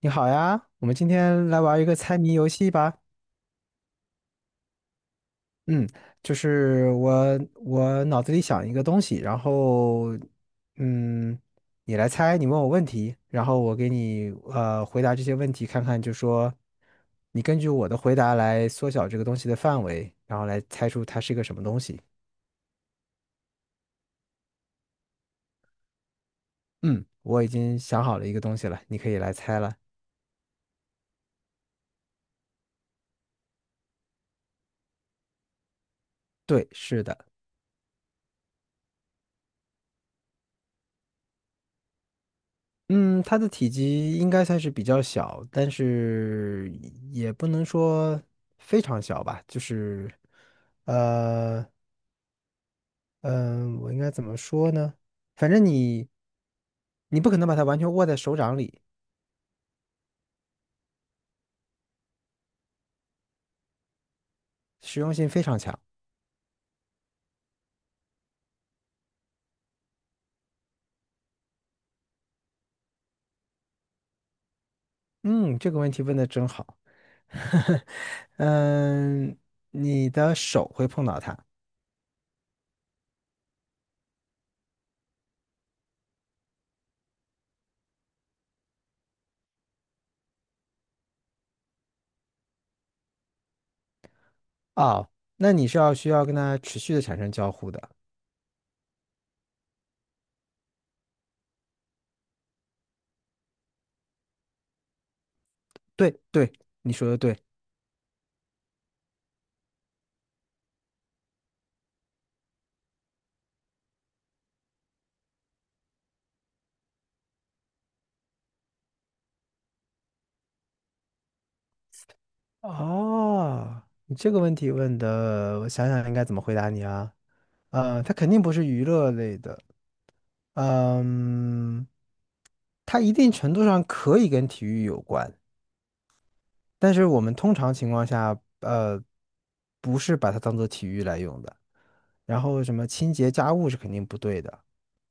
你好呀，我们今天来玩一个猜谜游戏吧。嗯，就是我脑子里想一个东西，然后嗯，你来猜，你问我问题，然后我给你回答这些问题，看看就说你根据我的回答来缩小这个东西的范围，然后来猜出它是一个什么东西。嗯，我已经想好了一个东西了，你可以来猜了。对，是的。嗯，它的体积应该算是比较小，但是也不能说非常小吧，就是，呃，嗯、我应该怎么说呢？反正你，你不可能把它完全握在手掌里，实用性非常强。嗯，这个问题问的真好。嗯，你的手会碰到它。哦，那你是要需要跟它持续的产生交互的。对对，你说的对。哦，你这个问题问的，我想想应该怎么回答你啊？呃，它肯定不是娱乐类的，嗯，它一定程度上可以跟体育有关，但是我们通常情况下，呃，不是把它当做体育来用的。然后什么清洁家务是肯定不对的，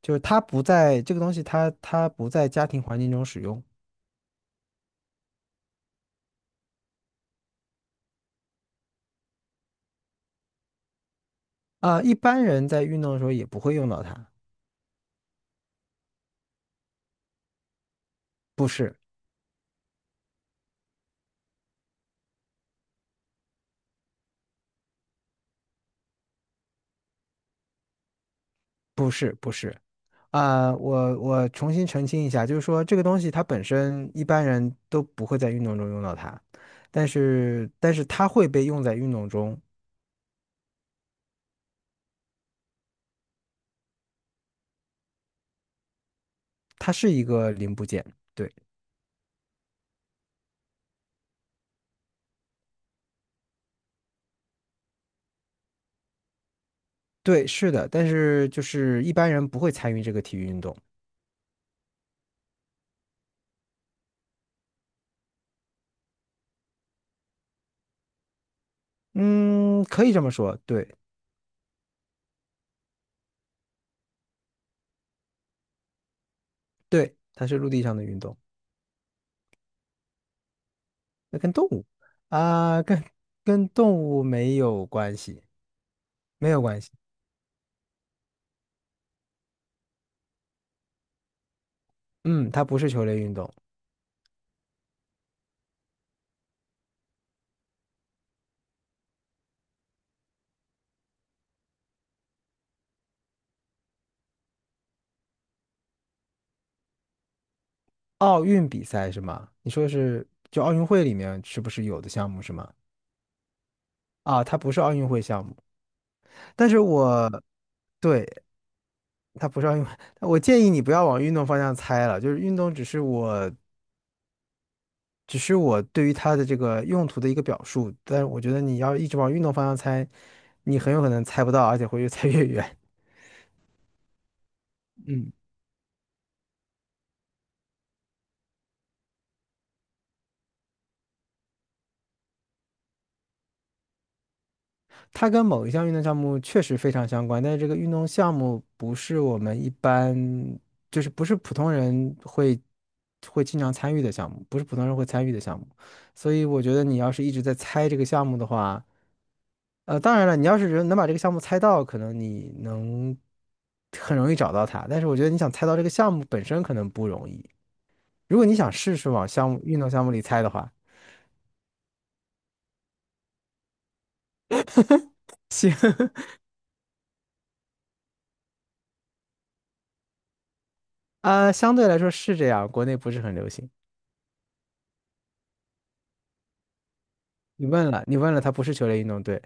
就是它不在这个东西它，它不在家庭环境中使用。啊、一般人在运动的时候也不会用到它，不是，不是，不是。啊、我重新澄清一下，就是说这个东西它本身一般人都不会在运动中用到它，但是它会被用在运动中，它是一个零部件。对对，是的，但是就是一般人不会参与这个体育运动。嗯，可以这么说，对。对，它是陆地上的运动，那跟动物啊、跟动物没有关系，没有关系。嗯，它不是球类运动。奥运比赛是吗？你说的是就奥运会里面是不是有的项目是吗？啊，它不是奥运会项目，但是我对它不是奥运会，我建议你不要往运动方向猜了，就是运动只是我对于它的这个用途的一个表述，但是我觉得你要一直往运动方向猜，你很有可能猜不到，而且会越猜越远。嗯。它跟某一项运动项目确实非常相关，但是这个运动项目不是我们一般，就是不是普通人会经常参与的项目，不是普通人会参与的项目。所以我觉得你要是一直在猜这个项目的话，呃，当然了，你要是人能把这个项目猜到，可能你能很容易找到它。但是我觉得你想猜到这个项目本身可能不容易。如果你想试试往项目运动项目里猜的话，啊、相对来说是这样，国内不是很流行。你问了，你问了，它不是球类运动，对。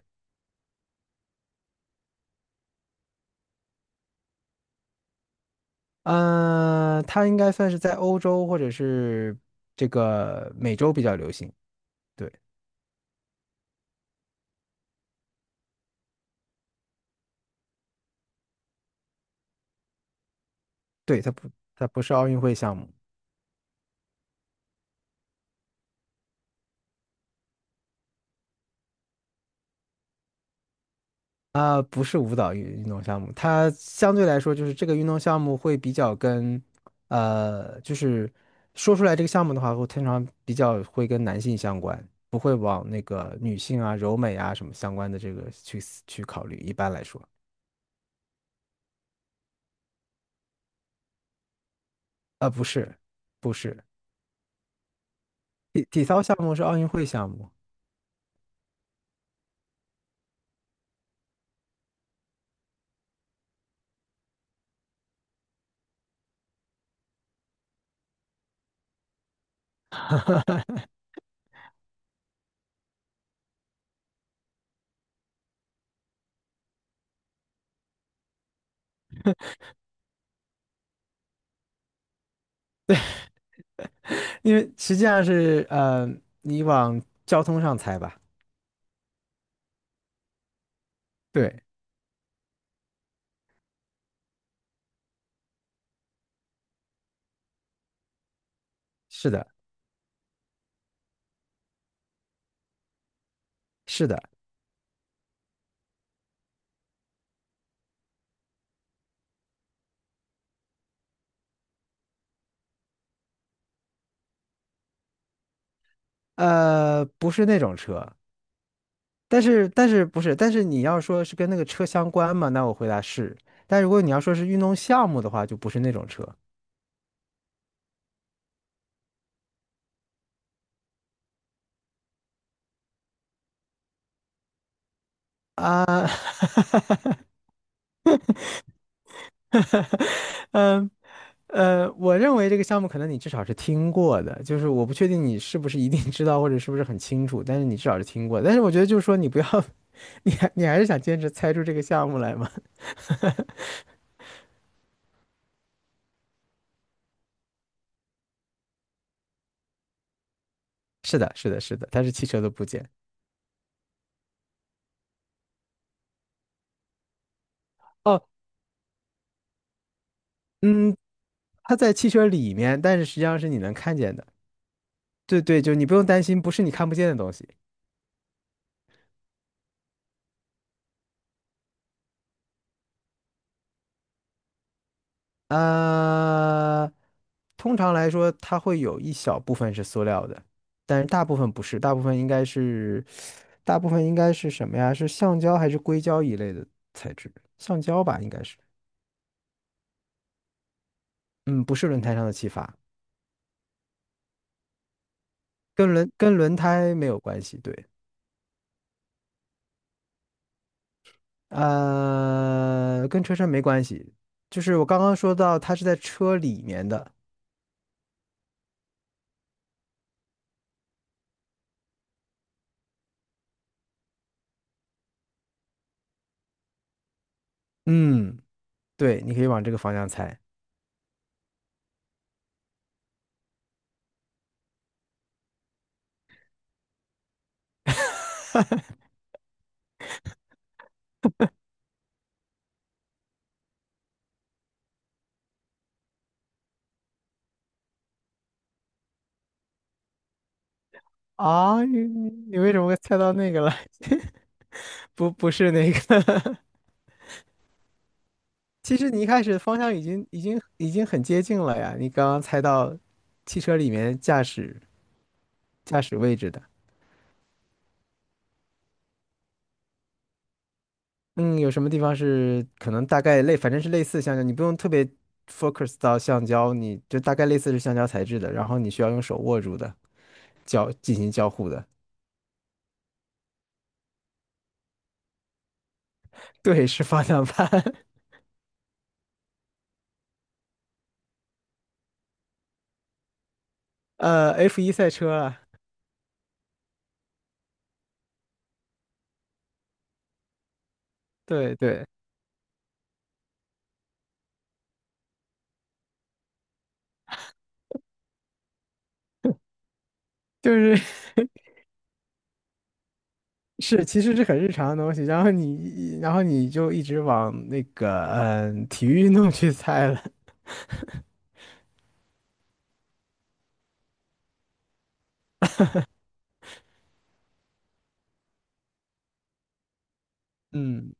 它应该算是在欧洲或者是这个美洲比较流行。对，对，它不，它不是奥运会项目。啊、不是舞蹈运动项目。它相对来说就是这个运动项目会比较跟，呃，就是说出来这个项目的话，会通常比较会跟男性相关，不会往那个女性啊、柔美啊什么相关的这个去考虑。一般来说，啊、不是，不是。体操项目是奥运会项目。因为实际上是呃，你往交通上猜吧。对，是的，是的，呃，不是那种车，但是不是，但是你要说是跟那个车相关嘛，那我回答是。但如果你要说是运动项目的话，就不是那种车啊。嗯我认为这个项目可能你至少是听过的，就是我不确定你是不是一定知道或者是不是很清楚，但是你至少是听过的，但是我觉得就是说你不要，你还是想坚持猜出这个项目来吗？是的，是的，是的，它是汽车的部件。哦，嗯，它在汽车里面，但是实际上是你能看见的。对对，就你不用担心，不是你看不见的东西。呃，通常来说，它会有一小部分是塑料的，但是大部分不是，大部分应该是，大部分应该是什么呀？是橡胶还是硅胶一类的材质？橡胶吧，应该是。嗯，不是轮胎上的气阀，跟轮胎没有关系。对，呃，跟车身没关系，就是我刚刚说到它是在车里面的。嗯，对，你可以往这个方向猜。啊，你为什么会猜到那个了？不，不是那个。其实你一开始方向已经已经很接近了呀。你刚刚猜到汽车里面驾驶位置的。嗯，有什么地方是可能大概类，反正是类似橡胶，你不用特别 focus 到橡胶，你就大概类似是橡胶材质的，然后你需要用手握住的。进行交互的。对，是方向盘。呃，F1赛车啊，对对，就是是，其实是很日常的东西。然后你，然后你就一直往那个体育运动去猜了。嗯，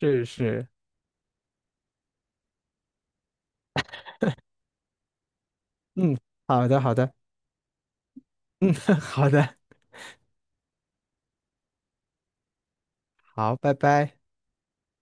是是，嗯，好的好的。 好的，好，拜拜。